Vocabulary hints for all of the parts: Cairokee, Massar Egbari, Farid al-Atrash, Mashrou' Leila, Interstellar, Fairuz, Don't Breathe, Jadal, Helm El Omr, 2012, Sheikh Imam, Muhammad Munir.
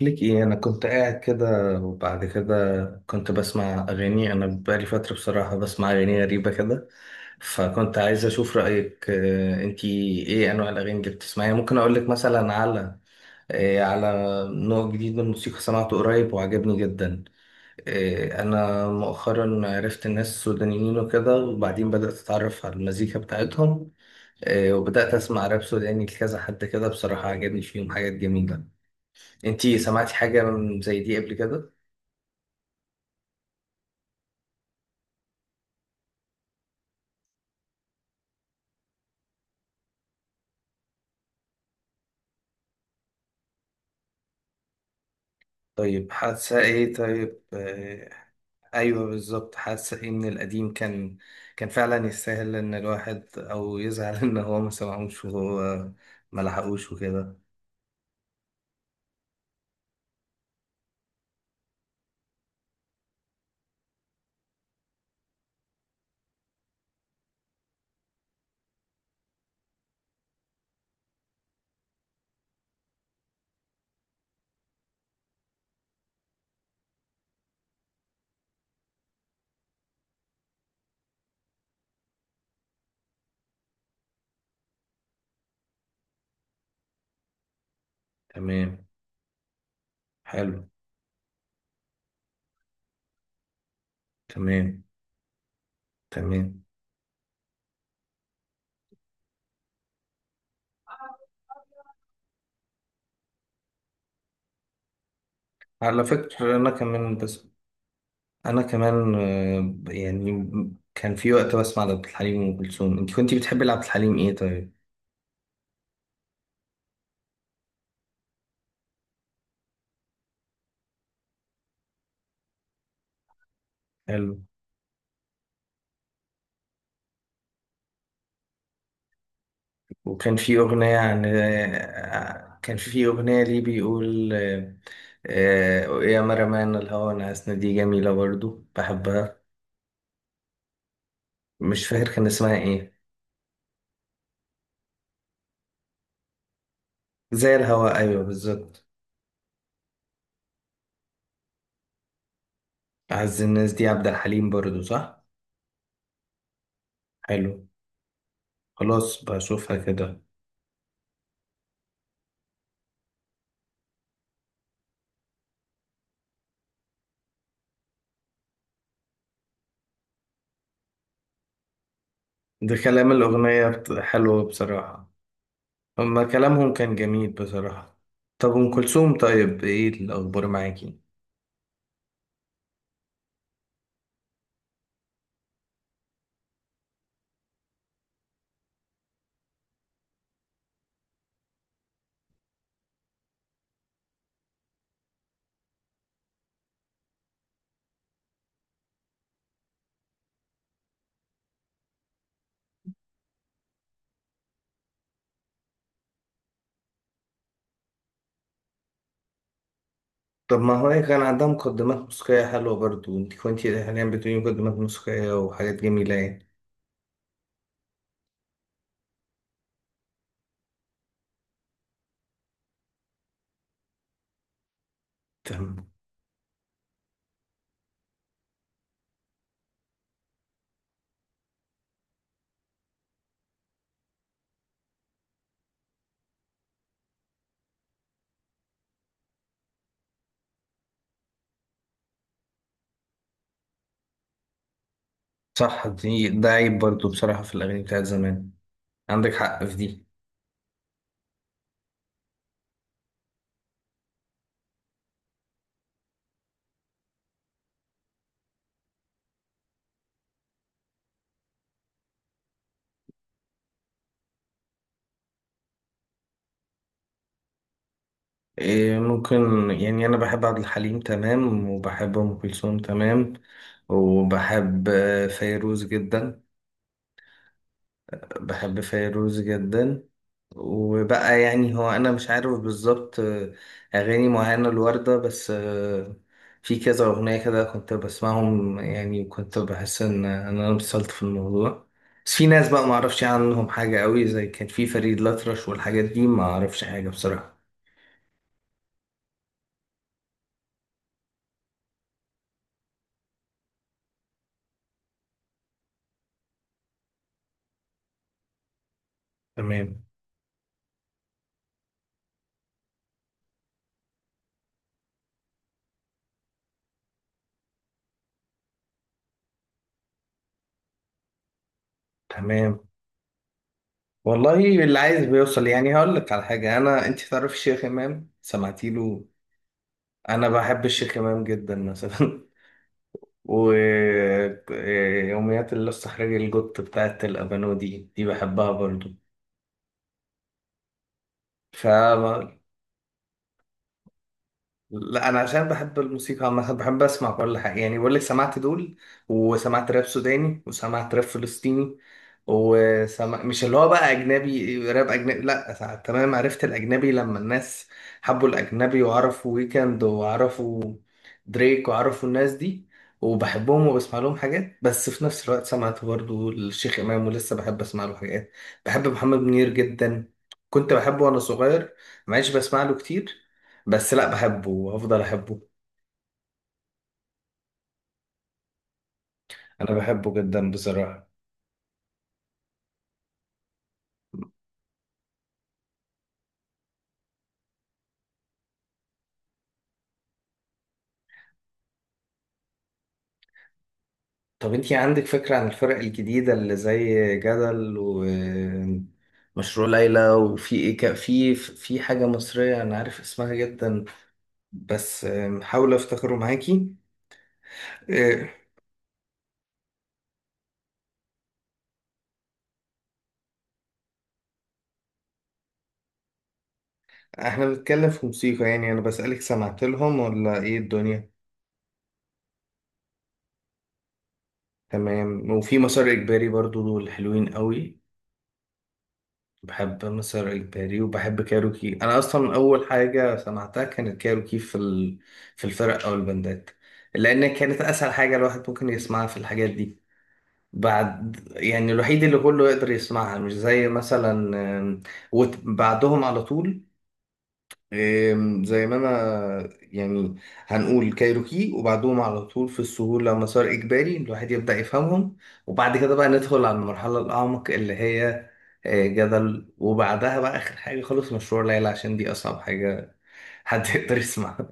ليك ايه؟ انا كنت قاعد كده وبعد كده كنت بسمع اغاني. انا بقالي فتره بصراحه بسمع اغاني غريبه كده، فكنت عايز اشوف رايك. انتي ايه انواع الاغاني اللي بتسمعيها؟ ممكن اقول لك مثلا على على نوع جديد من الموسيقى سمعته قريب وعجبني جدا. انا مؤخرا عرفت الناس السودانيين وكده، وبعدين بدات اتعرف على المزيكا بتاعتهم. وبدات اسمع راب سوداني لكذا حد كده، بصراحه عجبني فيهم حاجات جميله. انتي سمعتي حاجة من زي دي قبل كده؟ طيب حاسة ايه؟ طيب ايوه بالظبط. حاسة ايه من القديم؟ كان فعلا يستاهل ان الواحد او يزعل ان هو ما سمعوش وهو ما لحقوش وكده. تمام. حلو. تمام. تمام. على فكرة انا كمان. بس انا كمان يعني كان في وقت بسمع لعبد الحليم وام كلثوم. انت كنتي بتحبي لعبد الحليم ايه طيب؟ حلو. وكان في أغنية عن كان في أغنية ليه بيقول يا مرمان الهوى نعسنا، دي جميلة برضو بحبها. مش فاكر كان اسمها ايه. زي الهوى، أيوة بالظبط. أعز الناس دي عبد الحليم برضو، صح؟ حلو. خلاص بشوفها كده. ده كلام الأغنية حلو بصراحة. هما كلامهم كان جميل بصراحة. طب أم كلثوم، طيب ايه الأخبار معاكي؟ طب ما هو كان عندها مقدمات موسيقية حلوة برضو، انت كنتي حاليا بتقولي مقدمات موسيقية وحاجات جميلة يعني. فاهم. صح، دي ده عيب برضو بصراحة في الأغاني بتاعت زمان. عندك حق في دي. إيه ممكن يعني، أنا بحب عبد الحليم تمام، وبحب أم كلثوم تمام، وبحب فيروز جدا. بحب فيروز جدا. وبقى يعني هو انا مش عارف بالظبط، اغاني معينه الوردة بس، في كذا اغنيه كده كنت بسمعهم يعني، وكنت بحس ان انا انبسطت في الموضوع. بس في ناس بقى ما اعرفش عنهم حاجه قوي، زي كان في فريد الأطرش والحاجات دي ما اعرفش حاجه بصراحه. تمام. تمام. والله اللي عايز بيوصل يعني. هقول لك على حاجه انا، انت تعرف الشيخ امام؟ سمعتي له؟ انا بحب الشيخ امام جدا مثلا. ويوميات اللص حراج القط بتاعت الأبانو دي، دي بحبها برضو. فا لا، انا عشان بحب الموسيقى عامة بحب اسمع كل حاجه يعني. بقول لك سمعت دول، وسمعت راب سوداني، وسمعت راب فلسطيني، وسمع مش اللي هو بقى اجنبي، راب اجنبي لا، تمام. عرفت الاجنبي لما الناس حبوا الاجنبي وعرفوا ويكند، وعرفوا دريك، وعرفوا الناس دي، وبحبهم وبسمع لهم حاجات. بس في نفس الوقت سمعت برضو الشيخ امام، ولسه بحب اسمع له حاجات. بحب محمد منير جدا، كنت بحبه وانا صغير. ما عادش بسمع له كتير، بس لا بحبه وهفضل احبه. انا بحبه جدا بصراحة. طب انتي عندك فكرة عن الفرق الجديدة اللي زي جدل ومشروع ليلى؟ وفي ايه ك... في حاجة مصرية انا عارف اسمها جدا، بس حاول افتكره معاكي. إيه، احنا بنتكلم في موسيقى يعني، انا بسألك سمعت لهم ولا ايه الدنيا. تمام. وفي مسار اجباري برضو، دول حلوين قوي. بحب مسار إجباري وبحب كايروكي. أنا أصلا أول حاجة سمعتها كانت كايروكي في ال... في الفرق أو البندات، لأن كانت أسهل حاجة الواحد ممكن يسمعها في الحاجات دي. بعد يعني الوحيد اللي كله يقدر يسمعها، مش زي مثلا آم، بعدهم على طول، إيه، زي ما انا يعني هنقول كايروكي، وبعدهم على طول في السهولة مسار إجباري الواحد يبدأ يفهمهم. وبعد كده بقى ندخل على المرحلة الأعمق اللي هي جدل. وبعدها بقى آخر حاجة خالص مشروع ليلى، عشان دي أصعب حاجة حد يقدر يسمعها.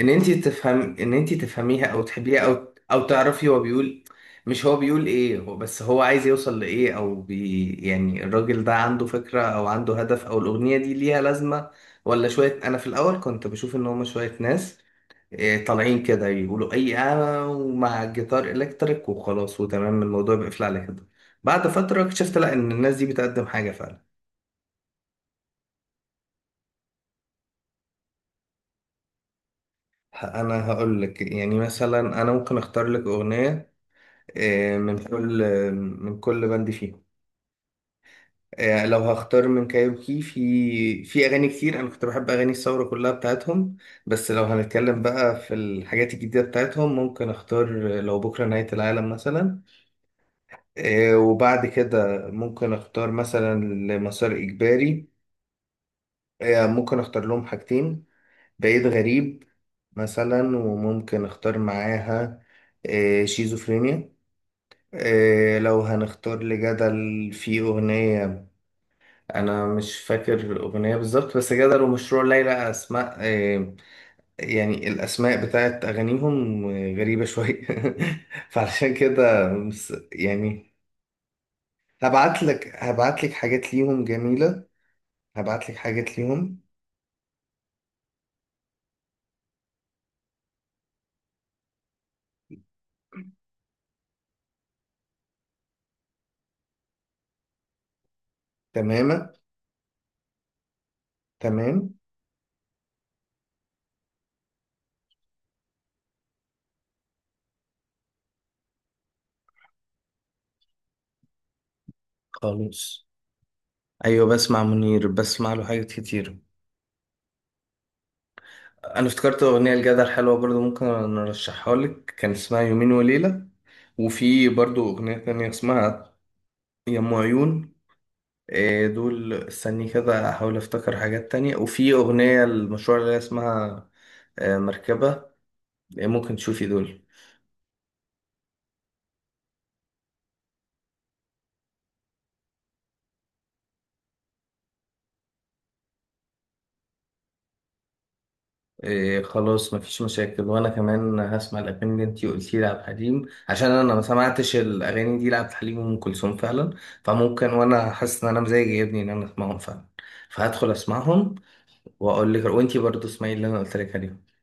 ان انت تفهم، ان انت تفهميها او تحبيها او او تعرفي هو بيقول. مش هو بيقول ايه، هو بس هو عايز يوصل لايه؟ او بي يعني الراجل ده عنده فكرة او عنده هدف، او الاغنية دي ليها لازمة، ولا شوية. انا في الاول كنت بشوف ان هما شوية ناس طالعين كده يقولوا اي انا، ومع الجيتار الكتريك وخلاص، وتمام الموضوع بيقفل على كده. بعد فترة اكتشفت لا، ان الناس دي بتقدم حاجة فعلا. انا هقول لك يعني، مثلا انا ممكن اختار لك اغنية من كل بند فيهم. لو هختار من كايروكي، في اغاني كتير انا كنت بحب اغاني الثوره كلها بتاعتهم. بس لو هنتكلم بقى في الحاجات الجديده بتاعتهم، ممكن اختار لو بكره نهايه العالم مثلا. وبعد كده ممكن اختار مثلا لمسار اجباري. ممكن اختار لهم حاجتين، بعيد غريب مثلا. وممكن اختار معاها شيزوفرينيا. لو هنختار لجدل في أغنية، انا مش فاكر الاغنيه بالظبط. بس جدل ومشروع ليلى اسماء، يعني الاسماء بتاعت اغانيهم غريبه شويه. فعلشان كده يعني هبعت لك حاجات ليهم جميله. هبعت لك حاجات ليهم. تماما. تمام. خلاص. ايوه بسمع منير، بسمع له حاجات كتير. انا افتكرت اغنيه لجدل حلوه برضو، ممكن ارشحها لك، كان اسمها يومين وليله. وفي برضو اغنيه تانية اسمها يا ام عيون. إيه دول. استني كده احاول افتكر حاجات تانية. وفي اغنية المشروع اللي هي اسمها مركبة. إيه ممكن تشوفي دول. إيه خلاص، مفيش مشاكل. وانا كمان هسمع الاغاني اللي انتي قلتي لعبد الحليم، عشان انا ما سمعتش الاغاني دي لعبد الحليم وام كلثوم فعلا. فممكن، وانا حاسس ان انا مزاجي يجيبني ان انا اسمعهم فعلا، فهدخل اسمعهم واقول لك. وانتي برضو اسمعي اللي انا قلت لك عليه.